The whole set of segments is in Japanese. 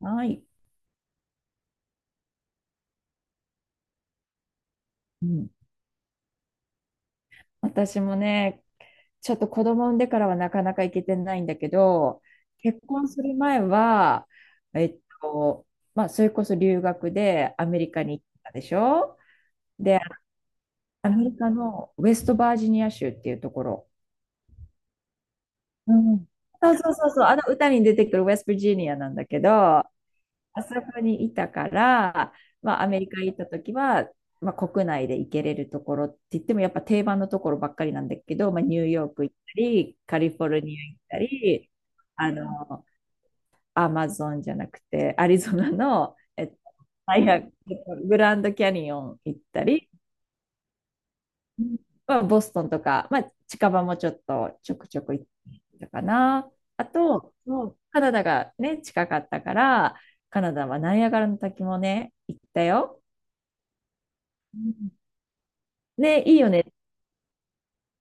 はい。うん。私もね、ちょっと子供産んでからはなかなか行けてないんだけど、結婚する前は、えっと、まあ、それこそ留学でアメリカに行ったでしょ。で、アメリカのウェストバージニア州っていうところ。うん。そうそうそうそう、あの歌に出てくるウェストバージニアなんだけど、あそこにいたから、まあ、アメリカ行った時は、まあ、国内で行けれるところって言ってもやっぱ定番のところばっかりなんだけど、まあ、ニューヨーク行ったり、カリフォルニア行ったり、あのアマゾンじゃなくてアリゾナの、大学、グランドキャニオン行ったり、まあ、ボストンとか、まあ、近場もちょっとちょくちょく行ったかな。あと、そうカナダがね、近かったから、カナダはナイアガラの滝もね、行ったよ。うん。ね、いいよね。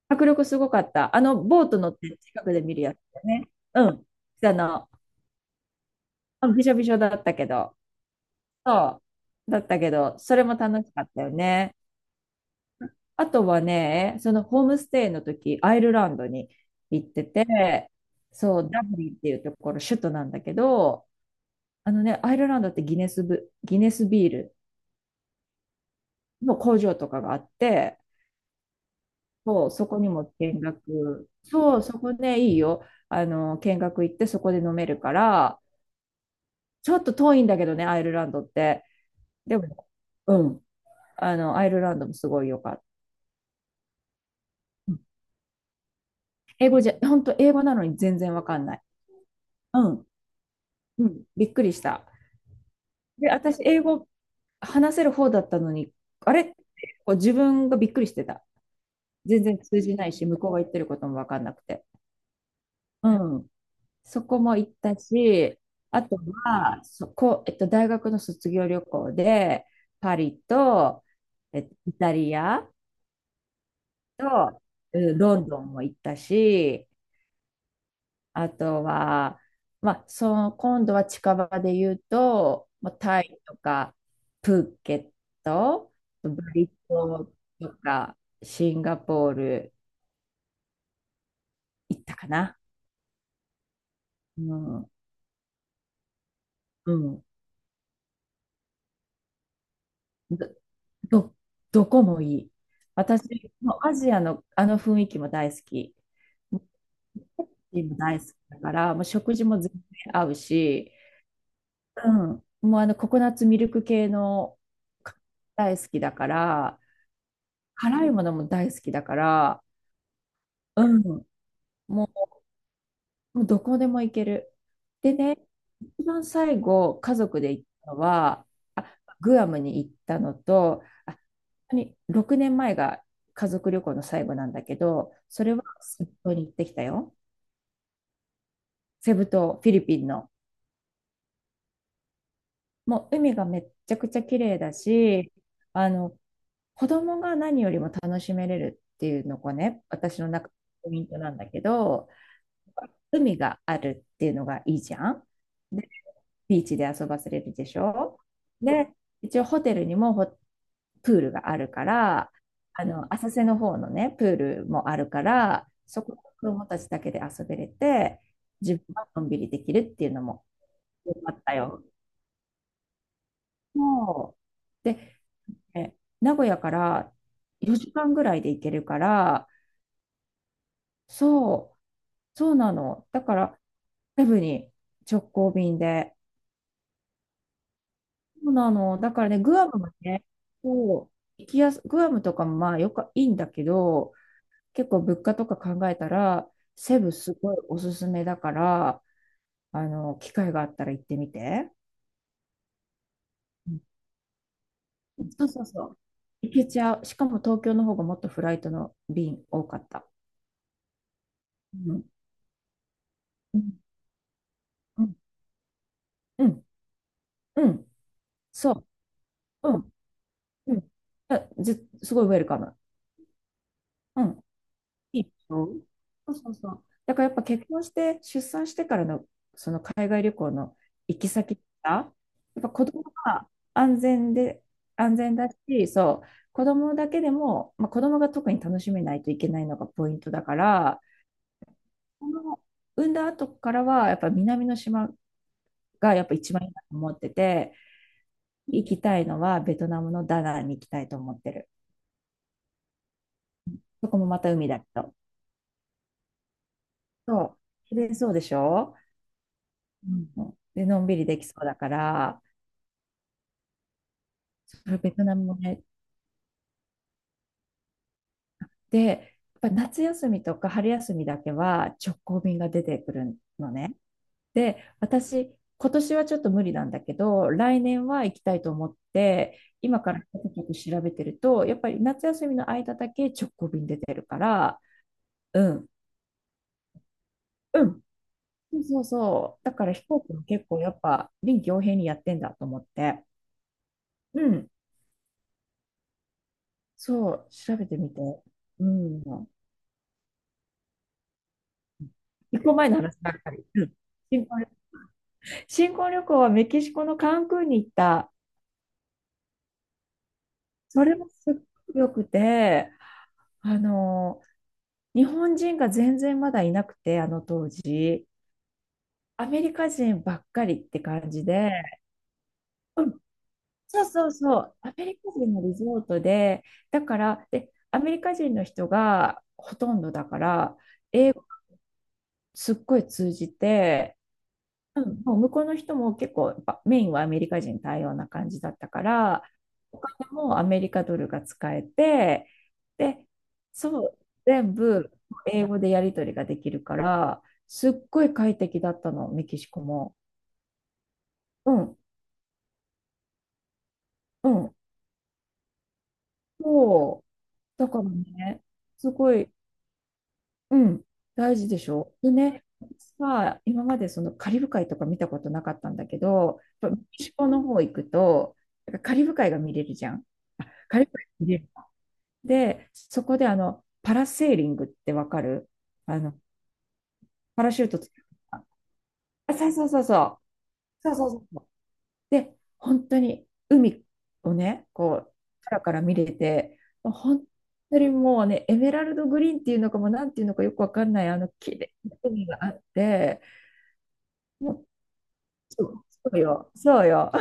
迫力すごかった。ボート乗って近くで見るやつだよね。うん。あの、びしょびしょだったけど、そう。だったけど、それも楽しかったよね。あとはね、そのホームステイの時、アイルランドに行ってて、そう、ダブリンっていうところ、首都なんだけど、あのね、アイルランドってギネスビールの工場とかがあって、そう、そこにも見学、そう、そこね、いいよ。見学行ってそこで飲めるから、ちょっと遠いんだけどね、アイルランドって。でも、うん、アイルランドもすごいよかった。うん、英語じゃ、本当英語なのに全然わかんない。うん、うん、びっくりした。で、私、英語話せる方だったのに、あれ、こう自分がびっくりしてた。全然通じないし、向こうが言ってることも分かんなくて。うん。そこも行ったし、あとは、そこ、大学の卒業旅行で、パリと、イタリアと、うん、ロンドンも行ったし、あとは、まあ、その今度は近場で言うと、まあ、タイとか、プーケット、バリ島とかシンガポール行ったかな。うん、うん、ど、どどこもいい。私、もうアジアのあの雰囲気も大好き。もうも大好きだから、もう食事も全然合うし、うん、もうココナッツミルク系の大好きだから、辛いものも大好きだから、うん、もう、もうどこでも行ける。でね、一番最後、家族で行ったのは、あ、グアムに行ったのと、あ、本当に6年前が家族旅行の最後なんだけど、それはセブ島に行ってきたよ。セブ島、フィリピンの。もう海がめっちゃくちゃ綺麗だし、あの、子供が何よりも楽しめれるっていうのがね、私の中のポイントなんだけど、海があるっていうのがいいじゃん。で、ビーチで遊ばせれるでしょ。で、一応ホテルにもプールがあるから、浅瀬の方のね、プールもあるから、そこ、子供たちだけで遊べれて、自分はのんびりできるっていうのもよかったよ。そう、で、え名古屋から4時間ぐらいで行けるから、そう、そうなの。だから、セブに直行便で、そうなの。だからね、グアムもね、そう、行きやす、グアムとかもまあよくいいんだけど、結構物価とか考えたら、セブすごいおすすめだから、機会があったら行ってみて。うん、そうそうそう。行けちゃう。しかも東京の方がもっとフライトの便多かった。うん。うん。うん。うん。うん、そう。うん。うん。あず、すごいウェルカム。うん。いいでしょ。そうそうそう。だからやっぱ結婚して出産してからのその海外旅行の行き先が、やっぱ子供が安全で、安全だし、そう、子供だけでも、まあ、子供が特に楽しめないといけないのがポイントだから、この産んだ後からはやっぱ南の島がやっぱ一番いいなと思ってて、行きたいのはベトナムのダナンに行きたいと思ってる。そこもまた海だけど。そう。綺麗そうでしょ。うん、で、のんびりできそうだから、それベトナムもね、で、やっぱ夏休みとか春休みだけは直行便が出てくるのね。で、私、今年はちょっと無理なんだけど、来年は行きたいと思って、今からちょっと調べてると、やっぱり夏休みの間だけ直行便出てるから、うん、うん、そうそうそう、だから飛行機も結構やっぱ臨機応変にやってんだと思って、うん、そう、調べてみて、うん。一個前の話ばっかり。うん。新婚、新婚旅行はメキシコのカンクンに行った。それもすっごくよくて、あの、日本人が全然まだいなくて、あの当時。アメリカ人ばっかりって感じで、うん、そうそうそう、アメリカ人のリゾートで、だから、で、アメリカ人の人がほとんどだから、英語すっごい通じて、うん、もう向こうの人も結構やっぱメインはアメリカ人対応な感じだったから、お金もアメリカドルが使えて、で、そう、全部英語でやり取りができるから、すっごい快適だったのメキシコも。うん、うん、そう、だからね、すごい、うん、大事でしょ。でね、私は今までそのカリブ海とか見たことなかったんだけど、やっぱメキシコの方行くと、なんかカリブ海が見れるじゃん。軽く入れる。で、そこでパラセーリングってわかる？あの、パラシュートつけた、あ、そうそうそうそう。そうそうそうそう。で、本当に海をね、こう、空から見れて、本当にもうね、エメラルドグリーンっていうのかも、なんていうのかよくわかんない、綺麗な海があって、もう、そうそうよ、そうよ。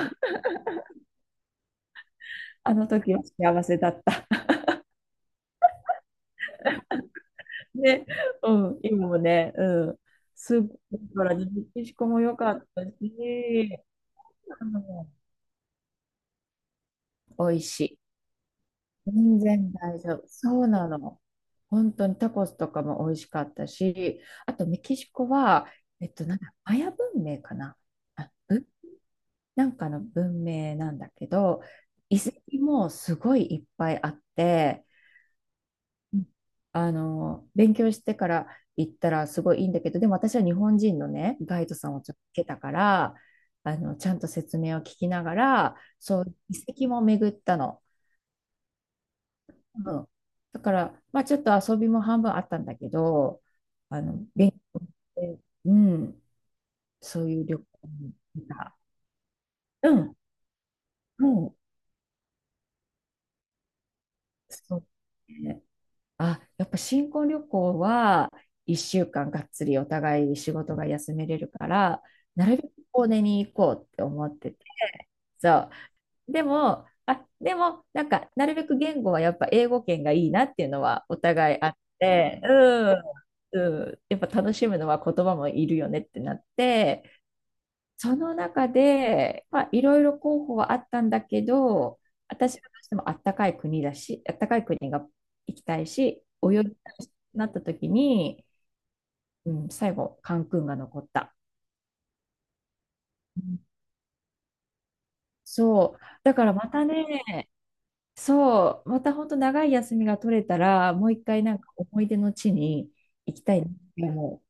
あの時は幸せだった。ね、うん、今もね、うん、すっごい、メキシコも良かったし、うん、美味しい。全然大丈夫。そうなの。本当にタコスとかも美味しかったし、あとメキシコは、なんだ、マヤ文明かなあ、なんかの文明なんだけど、遺跡もすごいいっぱいあって、うん、勉強してから行ったらすごいいいんだけど、でも私は日本人のね、ガイドさんをちょっとつけたから、ちゃんと説明を聞きながら、そう、遺跡も巡ったの。うん。だから、まあちょっと遊びも半分あったんだけど、勉強で、うん、そういう旅行に行った。うん、うん、そう。ね、あ、やっぱ新婚旅行は1週間がっつりお互い仕事が休めれるから、なるべく遠出に行こうって思ってて、そう。でも、なんか、なるべく言語はやっぱ英語圏がいいなっていうのはお互いあって、うん、うん、やっぱ楽しむのは言葉もいるよねってなって、その中で、まあ、いろいろ候補はあったんだけど、私はどうしてもあったかい国だし、あったかい国が行きたいし、泳ぎたいしなった時に、うん、最後、カンクンが残った。うん、そう。だからまたね、そう、また本当長い休みが取れたら、もう一回なんか思い出の地に行きたいなって思う。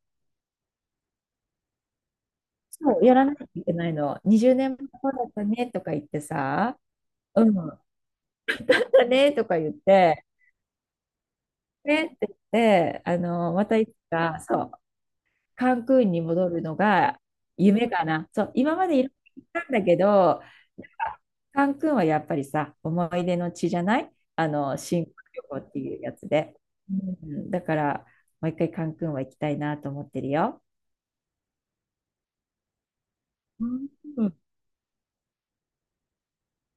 そう、やらないといけないの。20年前こうだったねとか言ってさ、うん、だねとか言って、ねって言って、またいつか、そう、カンクンに戻るのが夢かな。そう、今までいろいろ行ったんだけど、カンクンはやっぱりさ、思い出の地じゃない、新婚旅行っていうやつで。うん、だから、もう一回カンクンは行きたいなと思ってるよ。うん、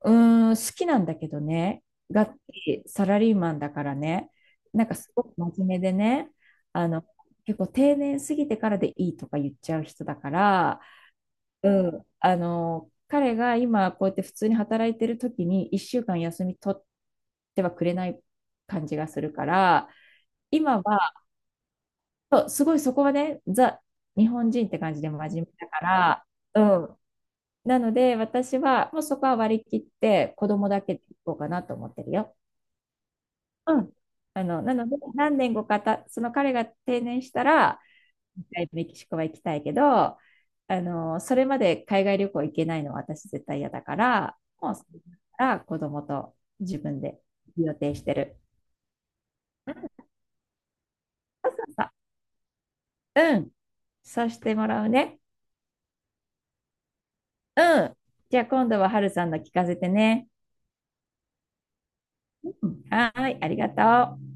うーん、好きなんだけどね、がっつりサラリーマンだからね、なんかすごく真面目でね、あの、結構定年過ぎてからでいいとか言っちゃう人だから、うん、彼が今こうやって普通に働いてる時に1週間休み取ってはくれない感じがするから、今は、そう、すごいそこはね、ザ、日本人って感じで真面目だから、うん、なので、私はもうそこは割り切って子供だけで行こうかなと思ってるよ。うん。なので、何年後かた、その彼が定年したら、一回メキシコは行きたいけど、それまで海外旅行行けないのは私絶対嫌だから、もうそれから子供と自分で予定してる。うん、そうそうそう、うん、そうしてもらうね。うん。じゃあ今度は春さんの聞かせてね。うん、はーい、ありがとう。